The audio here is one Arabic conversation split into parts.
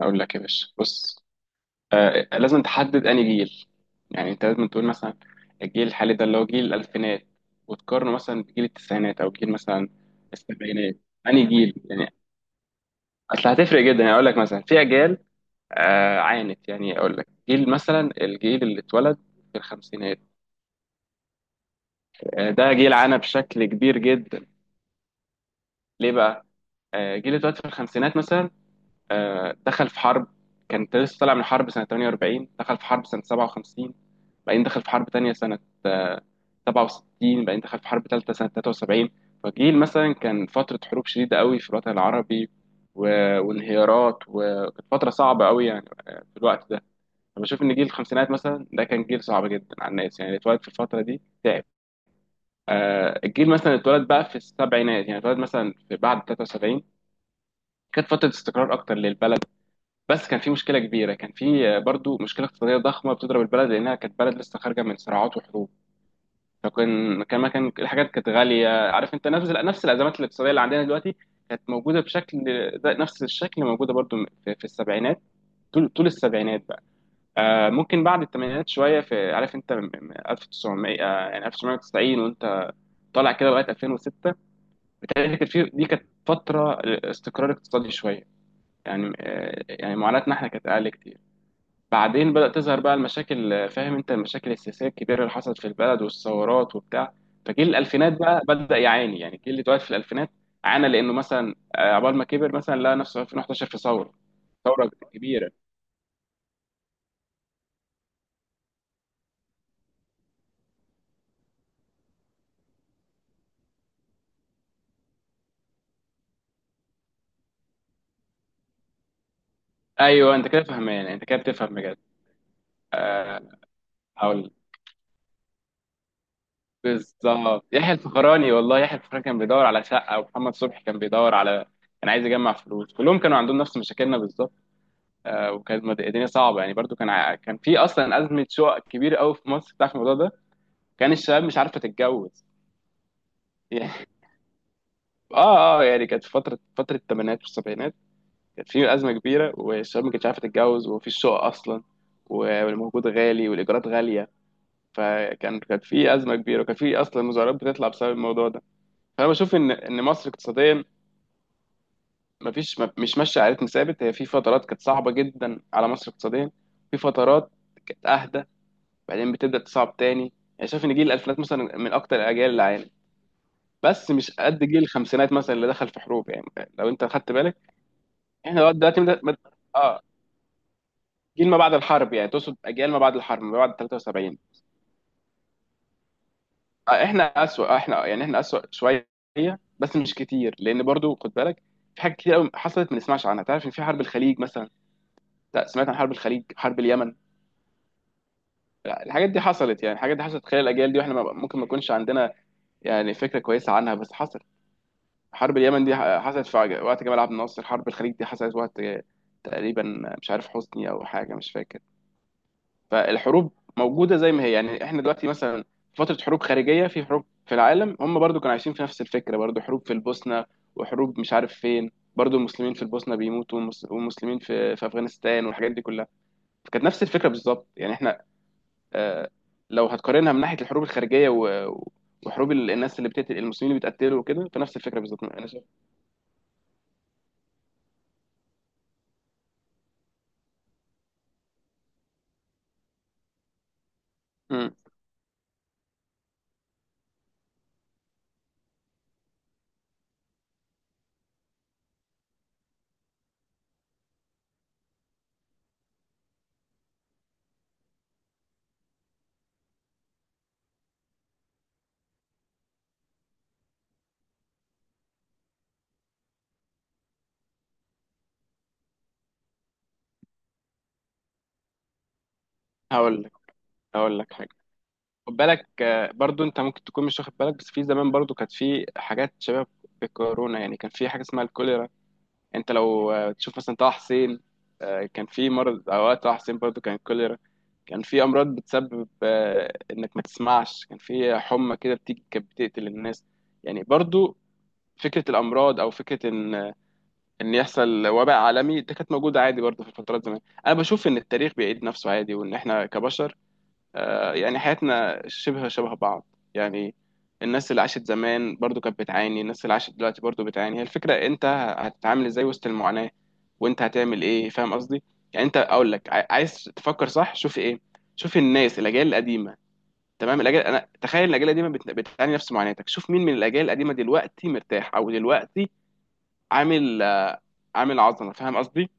اقول لك يا باشا، بص. آه، لازم تحدد انهي جيل. يعني انت لازم تقول مثلا الجيل الحالي ده اللي هو جيل الالفينات، وتقارنه مثلا بجيل التسعينات او جيل مثلا السبعينات. انهي جيل يعني؟ اصل هتفرق جدا. يعني اقول لك مثلا في اجيال عانت. يعني اقول لك جيل مثلا، الجيل اللي اتولد في الخمسينات. آه، ده جيل عانى بشكل كبير جدا. ليه بقى؟ آه، جيل اللي اتولد في الخمسينات مثلا، آه، دخل في حرب. كان لسه طالع من حرب سنة 48، دخل في حرب سنة 57، بعدين دخل في حرب تانية سنة، آه، 67، بعدين دخل في حرب تالتة سنة 73. فجيل مثلا كان فترة حروب شديدة قوي في الوطن العربي، و... وانهيارات، وكانت فترة صعبة قوي. يعني في الوقت ده أنا بشوف إن جيل الخمسينات مثلا ده كان جيل صعب جدا على الناس، يعني اللي اتولد في الفترة دي تعب. الجيل مثلا اللي اتولد بقى في السبعينات، يعني اتولد مثلا في بعد 73، كانت فترة استقرار أكتر للبلد. بس كان في مشكلة كبيرة، كان في برضو مشكلة اقتصادية ضخمة بتضرب البلد، لأنها كانت بلد لسه خارجة من صراعات وحروب. فكان كان كان الحاجات كانت غاليه. عارف انت، نفس الازمات الاقتصاديه اللي عندنا دلوقتي كانت موجوده بشكل، ده نفس الشكل موجوده برضو في السبعينات، طول السبعينات بقى. آه، ممكن بعد الثمانينات شويه في، عارف انت، من 1900 آه يعني 1990، وانت طالع كده لغايه 2006، بتهيألي كانت في، دي كانت فتره استقرار اقتصادي شويه. يعني يعني معاناتنا احنا كانت اقل كتير. بعدين بدأت تظهر بقى المشاكل، فاهم انت، المشاكل السياسية الكبيرة اللي حصلت في البلد والثورات وبتاع. فجيل الألفينات بقى بدأ يعاني، يعني جيل اللي اتولد في الألفينات عانى، لأنه مثلا عقبال ما كبر مثلا لقى نفسه في 2011 في ثورة، ثورة كبيرة. أيوه، أنت كده فهمان، يعني أنت كده بتفهم بجد. آه، هقول لك. بالظبط يحيى الفخراني، والله يحيى الفخراني كان بيدور على شقة، ومحمد صبحي كان بيدور على، كان عايز يجمع فلوس. كلهم كانوا عندهم نفس مشاكلنا بالظبط. الدنيا صعبه، يعني برضو كان في اصلا ازمه شقق كبيره قوي في مصر بتاعت الموضوع ده. كان الشباب مش عارفه تتجوز. يعني اه اه، يعني كانت في فتره، الثمانينات والسبعينات كانت في ازمه كبيره، والشباب ما كانتش عارفه تتجوز، ومفيش شقق اصلا، والموجود غالي، والايجارات غاليه. كانت في ازمه كبيره، وكان في اصلا مظاهرات بتطلع بسبب الموضوع ده. فانا بشوف ان مصر اقتصاديا، مش ماشيه على رتم ثابت. هي في فترات كانت صعبه جدا على مصر اقتصاديا، في فترات كانت اهدى، بعدين بتبدأ تصعب تاني. يعني شايف إن جيل الألفينات مثلا من أكتر الأجيال اللي عانت، بس مش قد جيل الخمسينات مثلا اللي دخل في حروب يعني. لو أنت خدت بالك، إحنا لغاية دلوقتي آه. جيل ما بعد الحرب، يعني تقصد أجيال ما بعد الحرب، ما بعد 73؟ آه، إحنا أسوأ. آه، إحنا يعني إحنا أسوأ شوية، بس مش كتير، لأن برضو خد بالك في حاجات كتير قوي حصلت ما نسمعش عنها. تعرف إن في حرب الخليج مثلا؟ لا، سمعت عن حرب الخليج. حرب اليمن، لا، الحاجات دي حصلت. يعني الحاجات دي حصلت خلال الأجيال دي، وإحنا ممكن ما نكونش عندنا يعني فكرة كويسة عنها، بس حصلت. حرب اليمن دي حصلت في وقت جمال عبد الناصر، حرب الخليج دي حصلت وقت تقريبا، مش عارف، حسني او حاجه، مش فاكر. فالحروب موجوده زي ما هي، يعني احنا دلوقتي مثلا في فتره حروب خارجيه، في حروب في العالم، هم برضو كانوا عايشين في نفس الفكره، برضو حروب في البوسنه، وحروب مش عارف فين، برضو المسلمين في البوسنه بيموتوا، والمسلمين في افغانستان، والحاجات دي كلها. فكانت نفس الفكره بالظبط، يعني احنا، آه، لو هتقارنها من ناحيه الحروب الخارجيه وحروب الناس اللي بتقتل، المسلمين اللي بيتقتلوا وكده، فنفس الفكره بالظبط انا شايف. مم. هقول لك، هقول لك حاجه. خد بالك برضو، انت ممكن تكون مش واخد بالك، بس في زمان برضو كانت في حاجات شبه بالكورونا. يعني كان في حاجه اسمها الكوليرا. انت لو تشوف مثلا طه حسين، كان في مرض اوقات طه حسين برضو كان الكوليرا. كان في امراض بتسبب انك ما تسمعش، كان في حمى كده بتيجي كانت بتقتل الناس. يعني برضو فكره الامراض، او فكره ان ان يحصل وباء عالمي، ده كانت موجوده عادي برضو في الفترات زمان. انا بشوف ان التاريخ بيعيد نفسه عادي، وان احنا كبشر يعني حياتنا شبه بعض. يعني الناس اللي عاشت زمان برضو كانت بتعاني، الناس اللي عاشت دلوقتي برضو بتعاني. هي الفكرة انت هتتعامل ازاي وسط المعاناة، وانت هتعمل ايه، فاهم قصدي؟ يعني انت، اقول لك، عايز تفكر صح، شوف ايه، شوف الناس، الاجيال القديمة، تمام؟ الاجيال، انا تخيل الاجيال القديمة بتعاني نفس معاناتك. شوف مين من الاجيال القديمة دلوقتي مرتاح، او دلوقتي عامل، عظمة، فاهم قصدي؟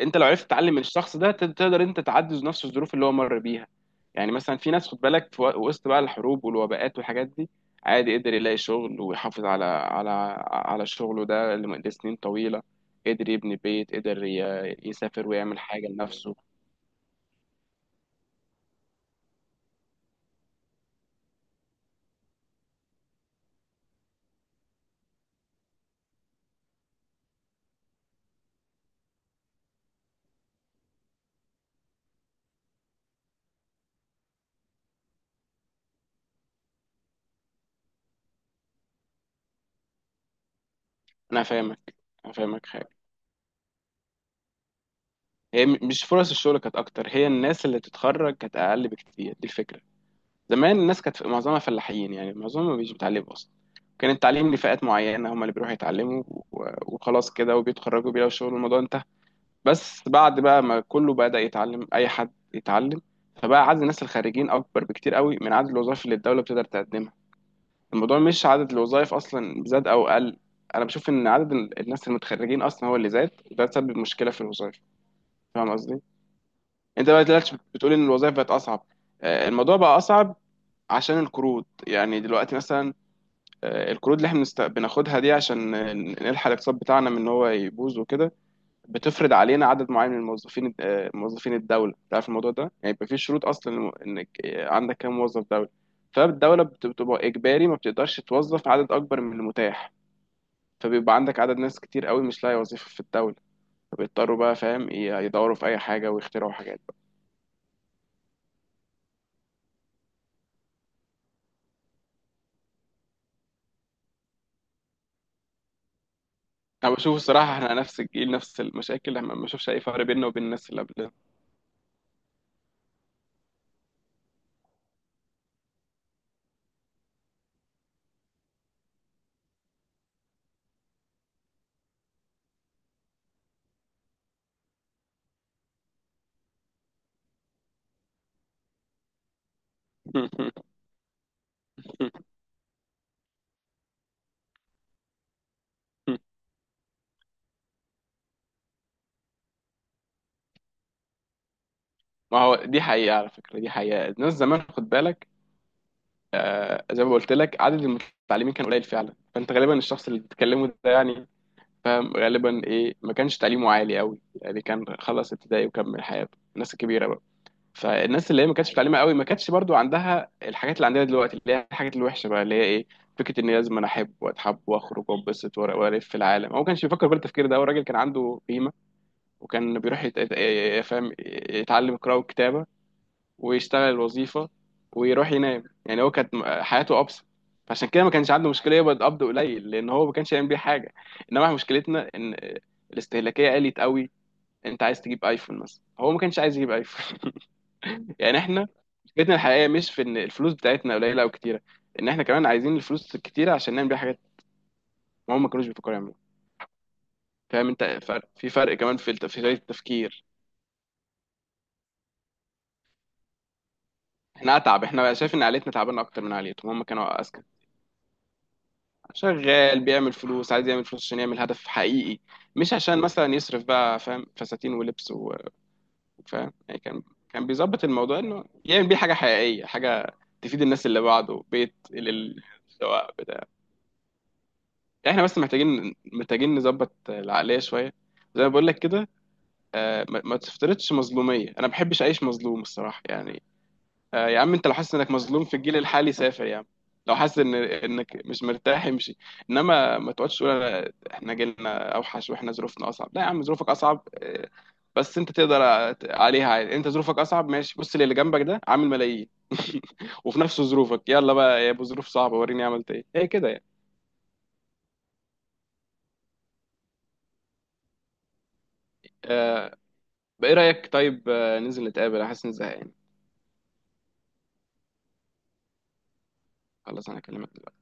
انت لو عرفت تتعلم من الشخص ده، تقدر انت تعدي نفس الظروف اللي هو مر بيها. يعني مثلا في ناس، خد بالك، في وسط بقى الحروب والوباءات والحاجات دي، عادي قدر يلاقي شغل ويحافظ على على شغله ده لسنين طويلة، قدر يبني بيت، قدر يسافر ويعمل حاجة لنفسه. انا فاهمك، انا فاهمك حاجة. هي مش فرص الشغل كانت اكتر، هي الناس اللي تتخرج كانت اقل بكتير، دي الفكرة. زمان الناس كانت معظمها فلاحين، يعني معظمهم مش بيتعلموا اصلا. كان التعليم لفئات معينه، هم اللي بيروحوا يتعلموا وخلاص كده، وبيتخرجوا بيلاقوا شغل، الموضوع انتهى. بس بعد بقى ما كله بدأ يتعلم، اي حد يتعلم، فبقى عدد الناس الخارجين اكبر بكتير قوي من عدد الوظائف اللي الدوله بتقدر تقدمها. الموضوع مش عدد الوظائف اصلا زاد او قل. انا بشوف ان عدد الناس المتخرجين اصلا هو اللي زاد، وده سبب مشكله في الوظائف، فاهم قصدي؟ انت بقى دلوقتي بتقول ان الوظائف بقت اصعب. الموضوع بقى اصعب عشان القروض. يعني دلوقتي مثلا القروض اللي احنا بناخدها دي، عشان نلحق الاقتصاد بتاعنا من ان هو يبوظ وكده، بتفرض علينا عدد معين من الموظفين، موظفين الدوله. انت عارف الموضوع ده، يعني يبقى في شروط اصلا، انك عندك كام موظف دوله. فالدوله بتبقى اجباري ما بتقدرش توظف عدد اكبر من المتاح، فبيبقى عندك عدد ناس كتير قوي مش لاقي وظيفه في الدوله، فبيضطروا بقى، فاهم، يدوروا في اي حاجه ويخترعوا حاجات بقى. انا بشوف الصراحه احنا نفس الجيل، نفس المشاكل، ما بشوفش اي فرق بيننا وبين الناس اللي قبلنا. ما هو دي حقيقة، على فكرة دي حقيقة. الناس زمان خد بالك، آه زي ما قلت لك، عدد المتعلمين كان قليل فعلا، فأنت غالبا الشخص اللي بتتكلمه ده يعني، فاهم، غالبا إيه، ما كانش تعليمه عالي قوي، يعني كان خلص ابتدائي وكمل حياته، الناس الكبيرة بقى. فالناس اللي هي ما كانتش متعلمة قوي ما كانتش برضو عندها الحاجات اللي عندنا دلوقتي، اللي هي الحاجات الوحشة بقى، اللي هي إيه؟ فكرة إن لازم أنا أحب وأتحب وأخرج وأنبسط وألف في العالم. هو ما كانش بيفكر بالتفكير ده، هو الراجل كان عنده قيمة، وكان بيروح فاهم، يتعلم قراءة وكتابة، ويشتغل الوظيفة، ويروح ينام. يعني هو كانت حياته أبسط، فعشان كده ما كانش عنده مشكلة يقبض قبض قليل، لأن هو ما كانش يعمل بيه حاجة. إنما إحنا مشكلتنا إن الاستهلاكية قلت قوي. أنت عايز تجيب أيفون مثلا، هو ما كانش عايز يجيب أيفون. يعني إحنا مشكلتنا الحقيقية مش في إن الفلوس بتاعتنا قليلة أو كتيرة، إن إحنا كمان عايزين الفلوس الكتيرة عشان نعمل بيها حاجات، ما هم ما كانوش بيفكروا يعملوها. فاهم أنت؟ فرق، فرق كمان في في طريقة التفكير. إحنا أتعب، إحنا بقى شايف إن عائلتنا تعبانة أكتر من عائلتهم، هم كانوا أذكى. شغال بيعمل فلوس، عايز يعمل فلوس عشان يعمل هدف حقيقي، مش عشان مثلا يصرف بقى، فاهم، فساتين ولبس وفاهم. يعني كان، بيظبط الموضوع انه يعمل بيه حاجه حقيقيه، حاجه تفيد الناس اللي بعده، بيت سواء بتاع. يعني احنا بس محتاجين، نظبط العقليه شويه، زي ما بقول لك كده. ما تفترضش مظلوميه، انا ما بحبش اعيش مظلوم الصراحه يعني. يا عم انت لو حاسس انك مظلوم في الجيل الحالي سافر يا عم، لو حاسس ان مش مرتاح امشي، انما ما تقعدش تقول احنا جيلنا اوحش واحنا ظروفنا اصعب. لا يا عم، ظروفك اصعب بس انت تقدر عليها عادي. انت ظروفك اصعب ماشي، بص للي جنبك ده عامل ملايين وفي نفس ظروفك، يلا بقى يا ابو ظروف صعبه، وريني عملت ايه. هي كده يعني. آه، بقى ايه رايك؟ طيب ننزل نتقابل، احس اني زهقان. خلاص، انا اكلمك.